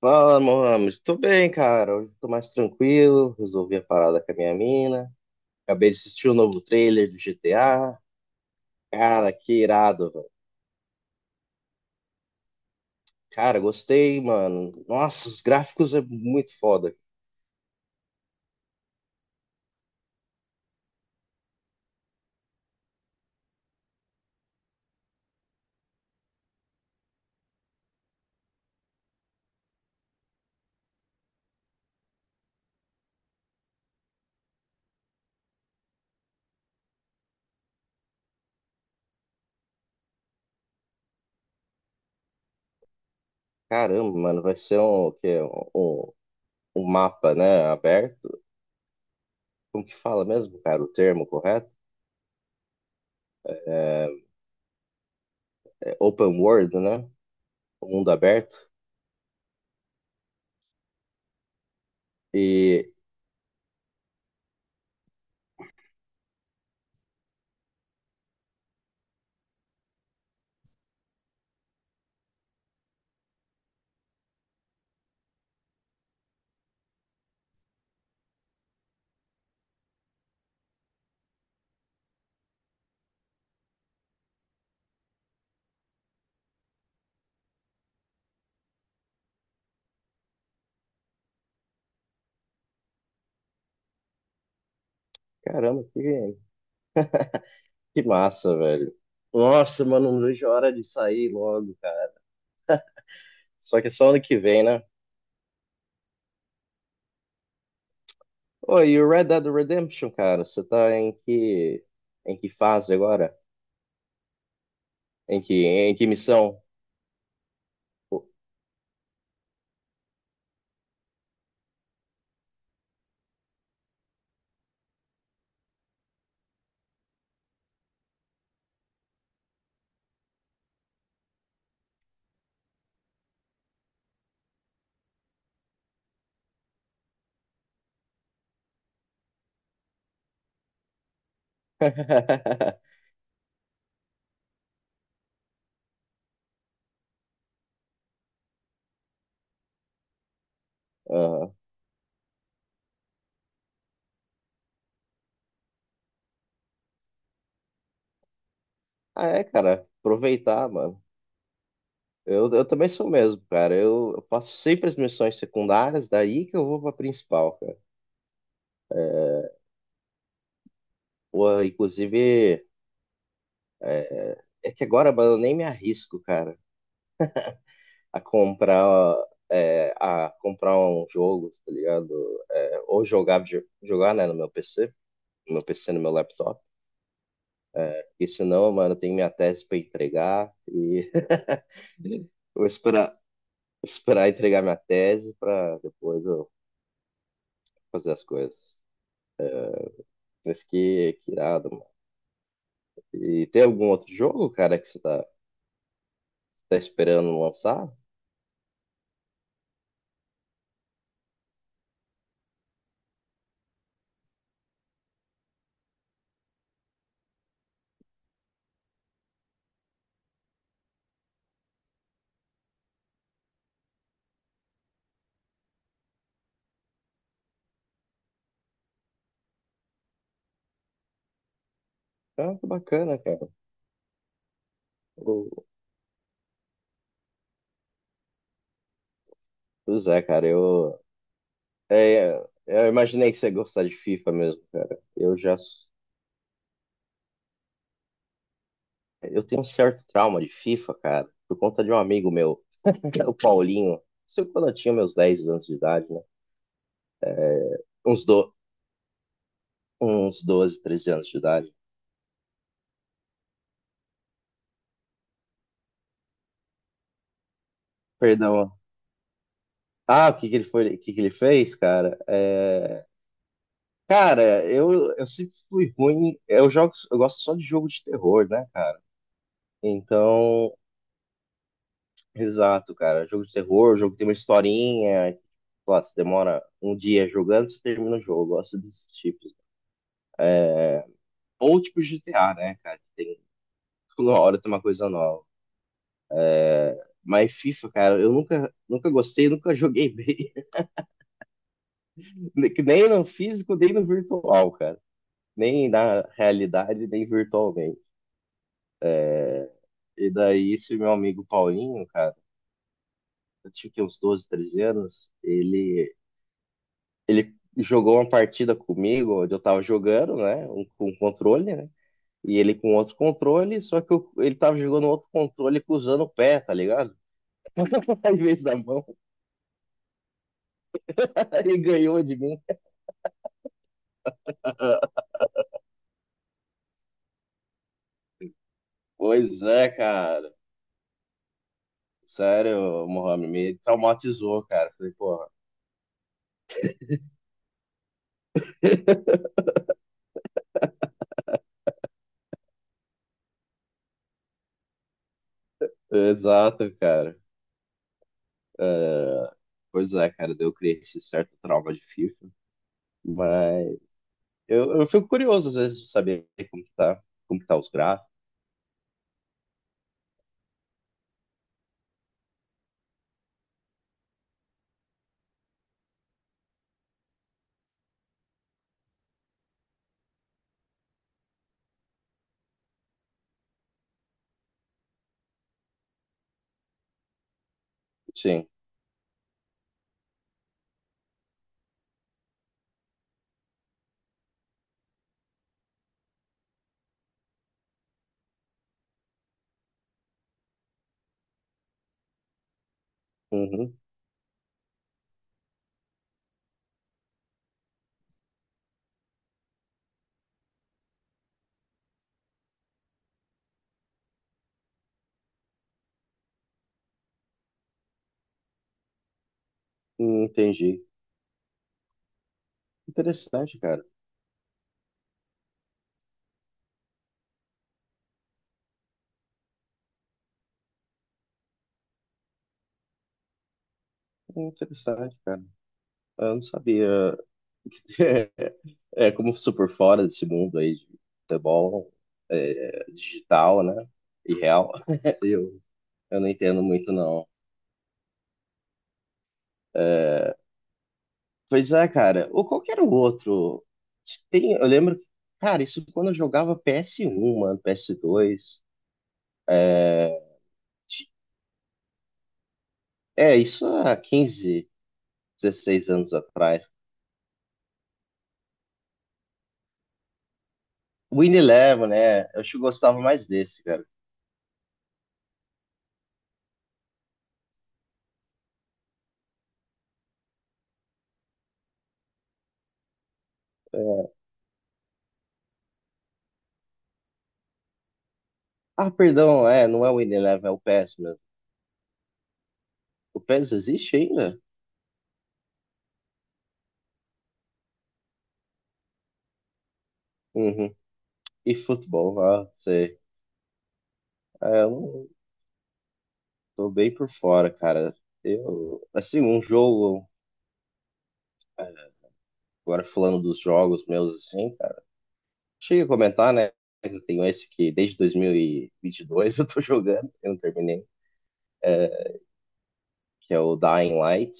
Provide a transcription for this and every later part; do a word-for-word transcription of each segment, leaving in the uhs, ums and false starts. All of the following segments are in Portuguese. Fala, Mohamed. Tô bem, cara. Hoje tô mais tranquilo. Resolvi a parada com a minha mina. Acabei de assistir o novo trailer do G T A. Cara, que irado, velho. Cara, gostei, mano. Nossa, os gráficos é muito foda. Caramba, mano, vai ser um, o quê? Um, um, um mapa, né, aberto. Como que fala mesmo, cara, o termo correto? É é open world, né? O mundo aberto. E, caramba, que, que massa, velho. Nossa, mano, não vejo a hora de sair logo. Só que só ano que vem, né? Oi, e o Red Dead Redemption, cara, você tá em que em que fase agora? Em que em que missão? Pô. Aham. Ah, é, cara, aproveitar, mano. Eu, eu também sou o mesmo, cara. Eu, eu faço sempre as missões secundárias, daí que eu vou pra principal, cara. Pô, inclusive, é, é que agora, mano, eu nem me arrisco, cara, a comprar, é, a comprar um jogo, tá ligado? É, ou jogar, vide- jogar, né, no meu P C. no P C, no meu laptop. E se não, mano, eu tenho minha tese para entregar e vou esperar, esperar entregar minha tese para depois eu fazer as coisas. Mas que, que irado, mano. E tem algum outro jogo, cara, que você tá, tá esperando lançar? Ah, que bacana, cara. O- Pois é, cara, eu, é, eu imaginei que você ia gostar de FIFA mesmo, cara. Eu já, eu tenho um certo trauma de FIFA, cara, por conta de um amigo meu, o Paulinho. Isso quando eu tinha meus dez anos de idade, né? é, uns, do, uns doze treze anos de idade. Perdão. Ah, o que que ele foi, o que que ele fez, cara? É, cara, eu, eu sempre fui ruim. Eu jogo, eu gosto só de jogo de terror, né, cara? Então, exato, cara. Jogo de terror, jogo que tem uma historinha. Que, sei você demora um dia jogando, você termina o jogo. Eu gosto desses tipos. É, ou tipo G T G T A, né, cara? Tem, toda hora tem uma coisa nova. Mas FIFA, cara, eu nunca, nunca gostei, nunca joguei bem. Nem no físico, nem no virtual, cara. Nem na realidade, nem virtualmente. E daí, esse meu amigo Paulinho, cara, eu tinha que uns doze, treze anos, ele, ele jogou uma partida comigo, onde eu tava jogando, né? Um, com um controle, né? E ele com outro controle, só que eu- ele tava jogando outro controle com usando o pé, tá ligado? Em vez da mão. Ele ganhou de mim. Pois é, cara. Sério, Mohamed, me traumatizou, cara. Falei, porra. Exato, cara. Uh, pois é, cara, eu criei esse certo trauma de FIFA. Mas eu, eu fico curioso às vezes de saber como que tá, como que tá os gráficos. Sim. Uhum. Hum, entendi. Interessante, cara. Hum, Interessante, cara. Eu não sabia. É como super fora desse mundo aí de futebol, é, digital, né? E real. Eu, eu não entendo muito, não. Pois é, cara. Ou qualquer outro. Tem, eu lembro, cara, isso quando eu jogava P S um, mano, P S dois. É, é isso há quinze dezesseis anos atrás. Win Eleven, né? Eu acho que eu gostava mais desse, cara. Ah, perdão, é, não é o Win Eleven, é o PES mesmo. O PES existe ainda? Uhum. E futebol, ah, sei. É, eu não- tô bem por fora, cara. Eu, assim, um jogo, é, agora falando dos jogos meus, assim. Cheguei a comentar, né? Eu tenho esse que desde dois mil e e vinte e dois eu tô jogando, eu não terminei, é, que é o Dying Light.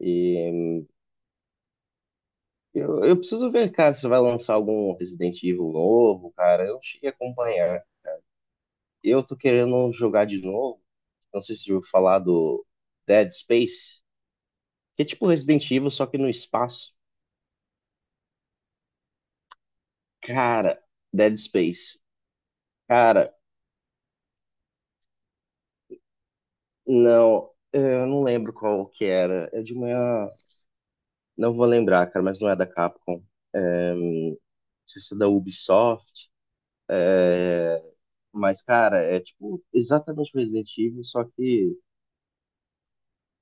E eu, eu preciso ver, cara, se vai lançar algum Resident Evil novo, cara. Eu não cheguei a acompanhar. Eu tô querendo jogar de novo. Não sei se eu vou falar do Dead Space, que é tipo Resident Evil, só que no espaço. Cara, Dead Space. Cara, não, eu não lembro qual que era. É de uma. Não vou lembrar, cara, mas não é da Capcom. Não sei se é da Ubisoft. É, mas, cara, é tipo exatamente Resident Evil, só que,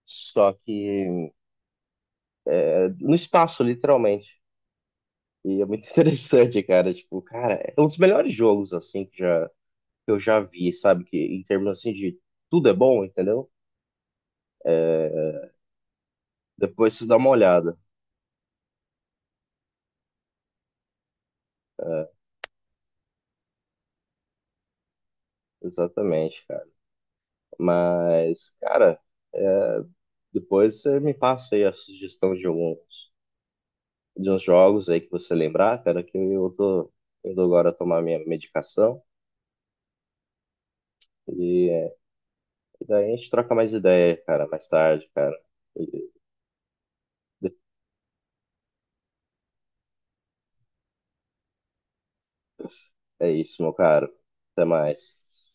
só que é, no espaço, literalmente. E é muito interessante, cara. Tipo, cara, é um dos melhores jogos, assim, que, já, que eu já vi, sabe? Que em termos, assim, de tudo é bom, entendeu? É, depois vocês dão uma olhada. É, exatamente, cara. Mas, cara, é, depois você me passa aí a sugestão de alguns de uns jogos aí que você lembrar, cara, que eu tô indo agora tomar minha medicação e, é, e daí a gente troca mais ideia, cara, mais tarde, cara. E é isso, meu caro. Até mais.